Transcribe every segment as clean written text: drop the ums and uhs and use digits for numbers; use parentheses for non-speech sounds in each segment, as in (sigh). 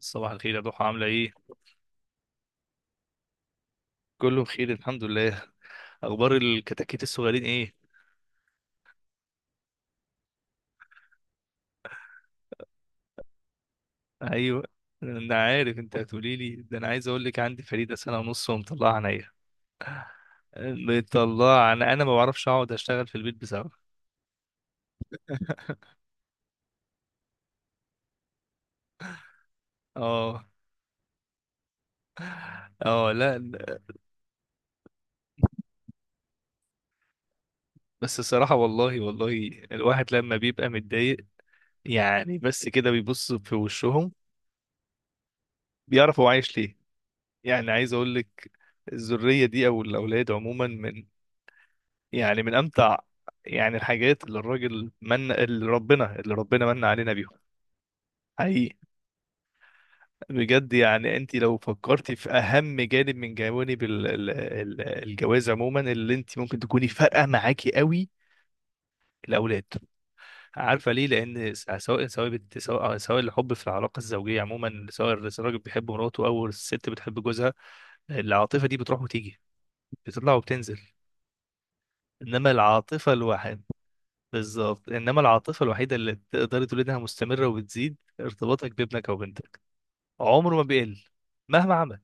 صباح الخير يا ضحى، عاملة ايه؟ كله بخير الحمد لله. اخبار الكتاكيت الصغيرين ايه؟ ايوه، انا عارف انت هتقولي لي ده. انا عايز اقول لك عندي فريدة سنة ونص ومطلعة عينيا. مطلعة، انا ما بعرفش اقعد اشتغل في البيت بسبب (laughs) اه. اه لا لا. بس الصراحة، والله والله الواحد لما بيبقى متضايق يعني بس كده بيبص في وشهم بيعرف هو عايش ليه. يعني عايز اقول لك الذرية دي او الاولاد عموما من، يعني من امتع، يعني الحاجات اللي الراجل، من اللي ربنا من علينا بيهم، حقيقي. بجد، يعني انت لو فكرتي في اهم جانب من جوانب الجواز عموما اللي انت ممكن تكوني فارقه معاكي قوي: الاولاد. عارفه ليه؟ لان س- سواء سواء بت- سواء سواء الحب في العلاقه الزوجيه عموما، سواء الراجل بيحب مراته او الست بتحب جوزها، العاطفه دي بتروح وتيجي، بتطلع وبتنزل. انما العاطفه، بالظبط، انما العاطفه الوحيده اللي تقدري تقولي انها مستمره وبتزيد ارتباطك بابنك او بنتك، عمره ما بيقل مهما عمل.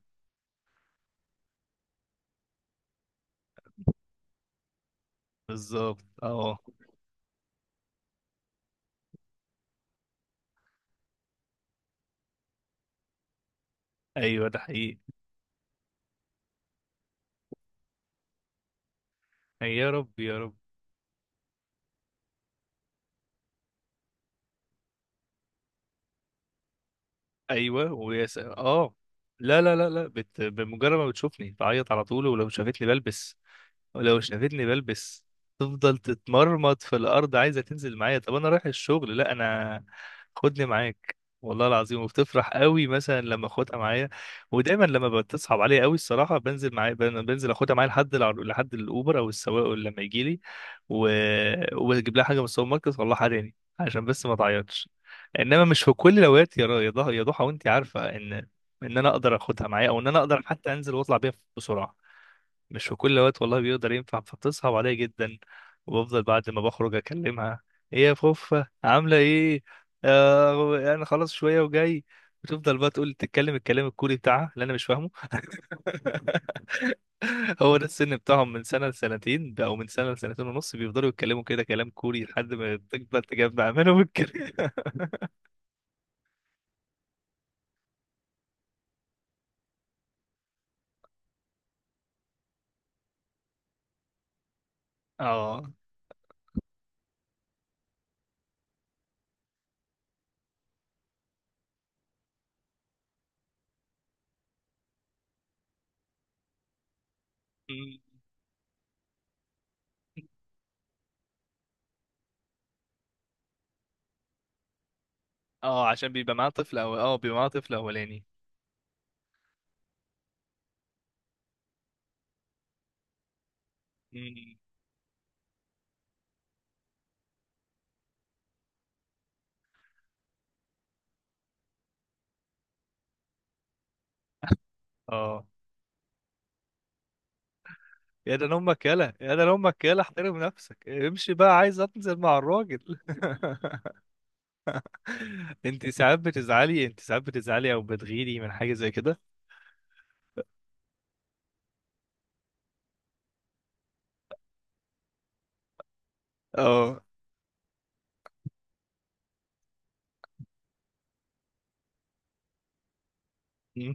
بالظبط اه. ايوه ده حقيقي. يا رب يا رب. ايوه، ويا س... اه لا لا لا لا، بمجرد ما بتشوفني تعيط على طول، ولو شافتني بلبس، ولو شافتني بلبس تفضل تتمرمط في الارض عايزه تنزل معايا. طب انا رايح الشغل، لا انا. خدني معاك. والله العظيم، وبتفرح قوي مثلا لما اخدها معايا. ودايما لما بتصعب عليا قوي الصراحه بنزل معايا، بنزل اخدها معايا لحد لحد الاوبر او السواق لما يجي لي، و... واجيب لها حاجه من السوبر ماركت والله، حراني عشان بس ما تعيطش. انما مش في كل الاوقات يا را- يا ضح- يا ضحى، وانت عارفه ان انا اقدر اخدها معايا، او ان انا اقدر حتى انزل واطلع بيها بسرعه مش في كل وقت والله بيقدر ينفع. فبتصعب عليا جدا. وبفضل بعد ما بخرج اكلمها: ايه يا فوفا عامله ايه؟ آه انا خلاص شويه وجاي. بتفضل بقى تقول، تتكلم الكلام الكوري بتاعها اللي انا مش فاهمه. (laughs) هو ده السن بتاعهم من سنه لسنتين ده، او من سنه لسنتين ونص، بيفضلوا يتكلموا كده كلام كوري لحد ما تكبر تجمع منهم الكلام. (laughs) اه. اه عشان بيبقى معاه طفل، او اه بيبقى معاه طفل اولاني. مم. اه. يا ده أنا امك يلا، يا ده أنا امك يلا، احترم نفسك امشي بقى، عايز انزل مع الراجل. (laughs) انت ساعات بتزعلي، او بتغيري من حاجه زي كده؟ اه. أمم.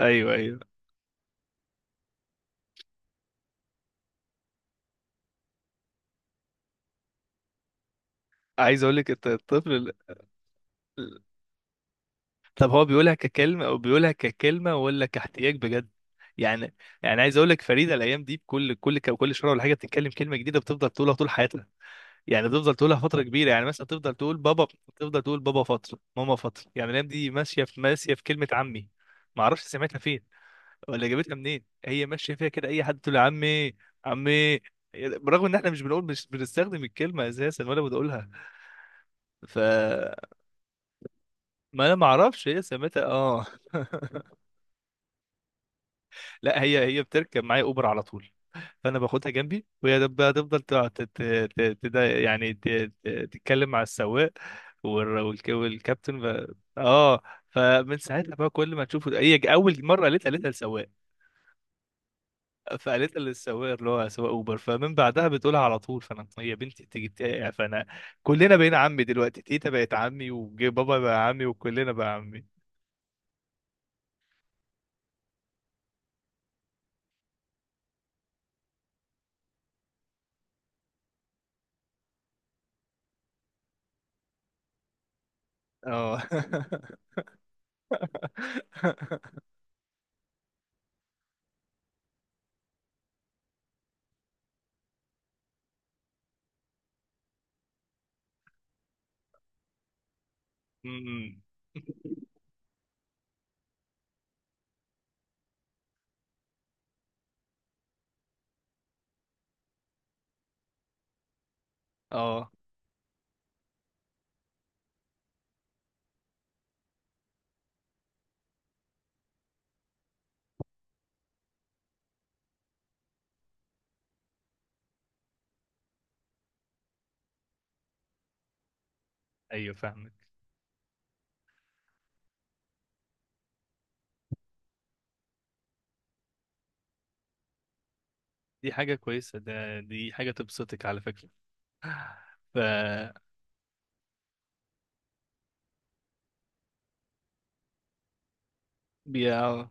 ايوه ايوه. عايز اقول لك ال- طب هو بيقولها ككلمه، ولا كاحتياج بجد؟ يعني، يعني عايز اقول لك فريده الايام دي بكل كل كل شهر ولا حاجه بتتكلم كلمه جديده بتفضل تقولها طول حياتها، يعني تفضل تقولها فترة كبيرة، يعني مثلا تفضل تقول بابا، تفضل تقول بابا فترة، ماما فترة. يعني الأيام دي ماشية في كلمة عمي. ما اعرفش سمعتها فين ولا جابتها منين، هي ماشية فيها كده أي حد تقول عمي، عمي، برغم ان احنا مش بنقول، مش بنستخدم الكلمة اساسا ولا بنقولها. ف، ما انا ما اعرفش هي سمعتها. اه. (laughs) لا، هي بتركب معايا اوبر على طول، فانا باخدها جنبي، وهي هتفضل تقعد يعني تتكلم مع السواق والكابتن، اه. فمن ساعتها بقى كل ما تشوفه، هي اول مره قالتها قالتها للسواق، فقالتها للسواق اللي هو سواق اوبر، فمن بعدها بتقولها على طول. فانا هي بنتي تيجي يعني فانا كلنا بقينا عمي دلوقتي. تيتا بقت عمي، وبابا بقى عمي، وكلنا بقى عمي. اه. (laughs) م- م. اه. ايوه فاهمك. دي حاجة كويسة، ده دي حاجة تبسطك على فكرة. ف، بي- اه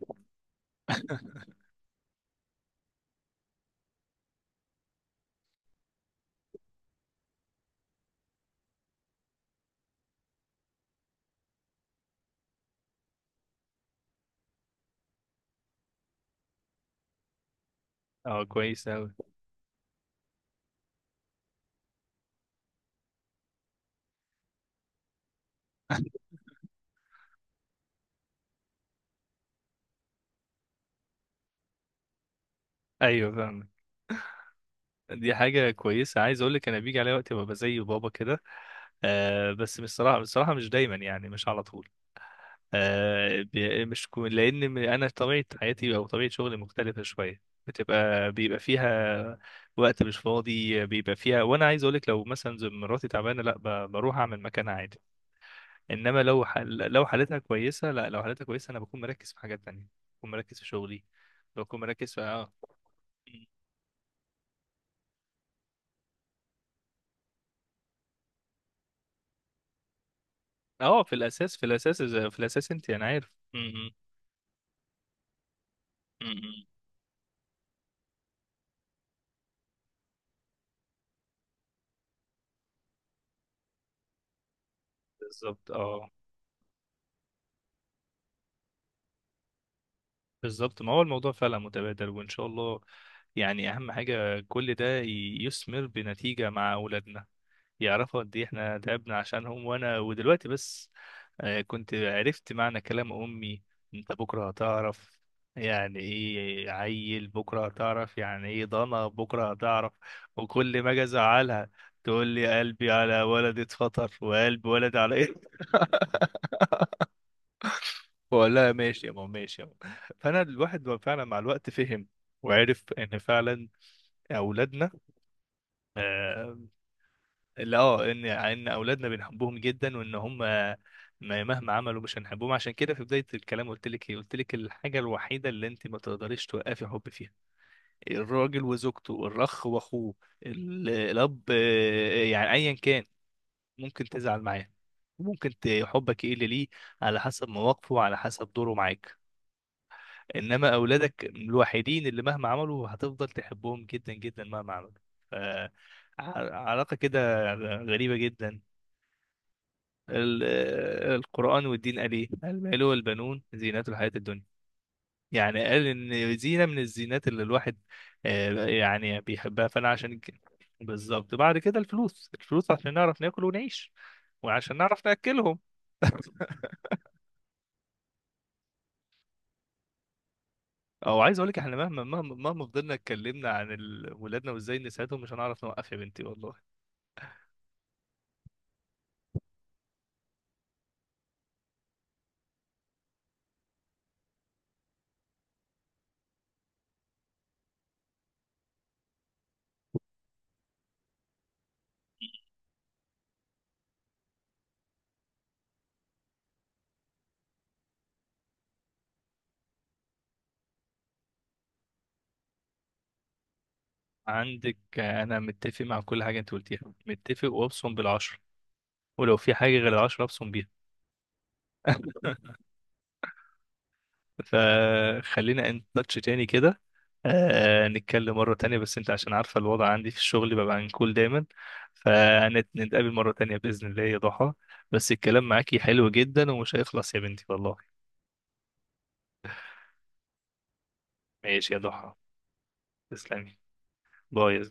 اه كويس أوي. (laughs) أيوة فاهمك. دي حاجة كويسة. عايز أقول لك أنا بيجي عليا وقت ببقى زي بابا كده. آه، بس بصراحة، بصراحة مش دايما يعني، مش على طول. آه، بي- مش كو- لأن م- أنا طبيعة حياتي، أو طبيعة شغلي مختلفة شوية. بتبقى، بيبقى فيها وقت مش فاضي بيبقى فيها، وأنا عايز أقول لك لو مثلا زي مراتي تعبانة، لا، بروح أعمل مكانها عادي. انما لو لو حالتها كويسه، لا، لو حالتها كويسه انا بكون مركز في حاجات تانية، بكون مركز في شغلي، بكون مركز في اه، اه في الاساس، في الاساس في الاساس، انت انا عارف م- م- م- م. بالظبط اه. بالظبط، ما هو الموضوع فعلا متبادل، وان شاء الله يعني اهم حاجه كل ده يثمر بنتيجه مع اولادنا، يعرفوا قد ايه احنا تعبنا عشانهم. وانا ودلوقتي بس آه، كنت عرفت معنى كلام امي. انت بكره هتعرف يعني ايه عيل، بكره هتعرف يعني ايه ضنا، بكره هتعرف. وكل ما اجي ازعلها تقول لي: قلبي على ولد اتفطر، وقلب ولد على ايه. (laughs) بقول لها ماشي يا ماما، ماشي يا ماما. فانا الواحد فعلا مع الوقت فهم وعرف ان فعلا اولادنا، آه، اللي اه ان اولادنا بنحبهم جدا، وان هم مهما عملوا مش هنحبهم. عشان كده في بدايه الكلام قلت لك ايه؟ قلت لك الحاجه الوحيده اللي انت ما تقدريش توقفي حب فيها: الراجل وزوجته، الرخ واخوه، الاب، آه، يعني ايا كان، ممكن تزعل معاه، ممكن حبك يقل ليه، على حسب مواقفه وعلى حسب دوره معاك. انما اولادك الوحيدين اللي مهما عملوا هتفضل تحبهم جدا جدا مهما عملوا. ف، علاقه كده غريبه جدا. ال- القرآن والدين قال ايه؟ المال والبنون زينة الحياة الدنيا. يعني قال ان زينة من الزينات اللي الواحد آه، يعني بيحبها. فانا عشان بالظبط. بعد كده الفلوس، الفلوس عشان نعرف ناكل ونعيش، وعشان نعرف ناكلهم. (laughs) او عايز اقول لك احنا مهما فضلنا اتكلمنا عن ولادنا وازاي نساعدهم، مش هنعرف نوقف يا بنتي والله. عندك آه، انا متفق مع كل حاجة انت قلتيها، متفق وابصم بالعشر، ولو في حاجة غير العشرة ابصم بيها. فخلينا ان تاتش تاني كده، آه، نتكلم مرة تانية، بس انت عشان عارفة الوضع عندي في الشغل ببقى عنكول دايما، فنتقابل مرة تانية بإذن الله يا ضحى. بس الكلام معاكي حلو جدا ومش هيخلص يا بنتي والله. ماشي يا ضحى. تسلمي. باي.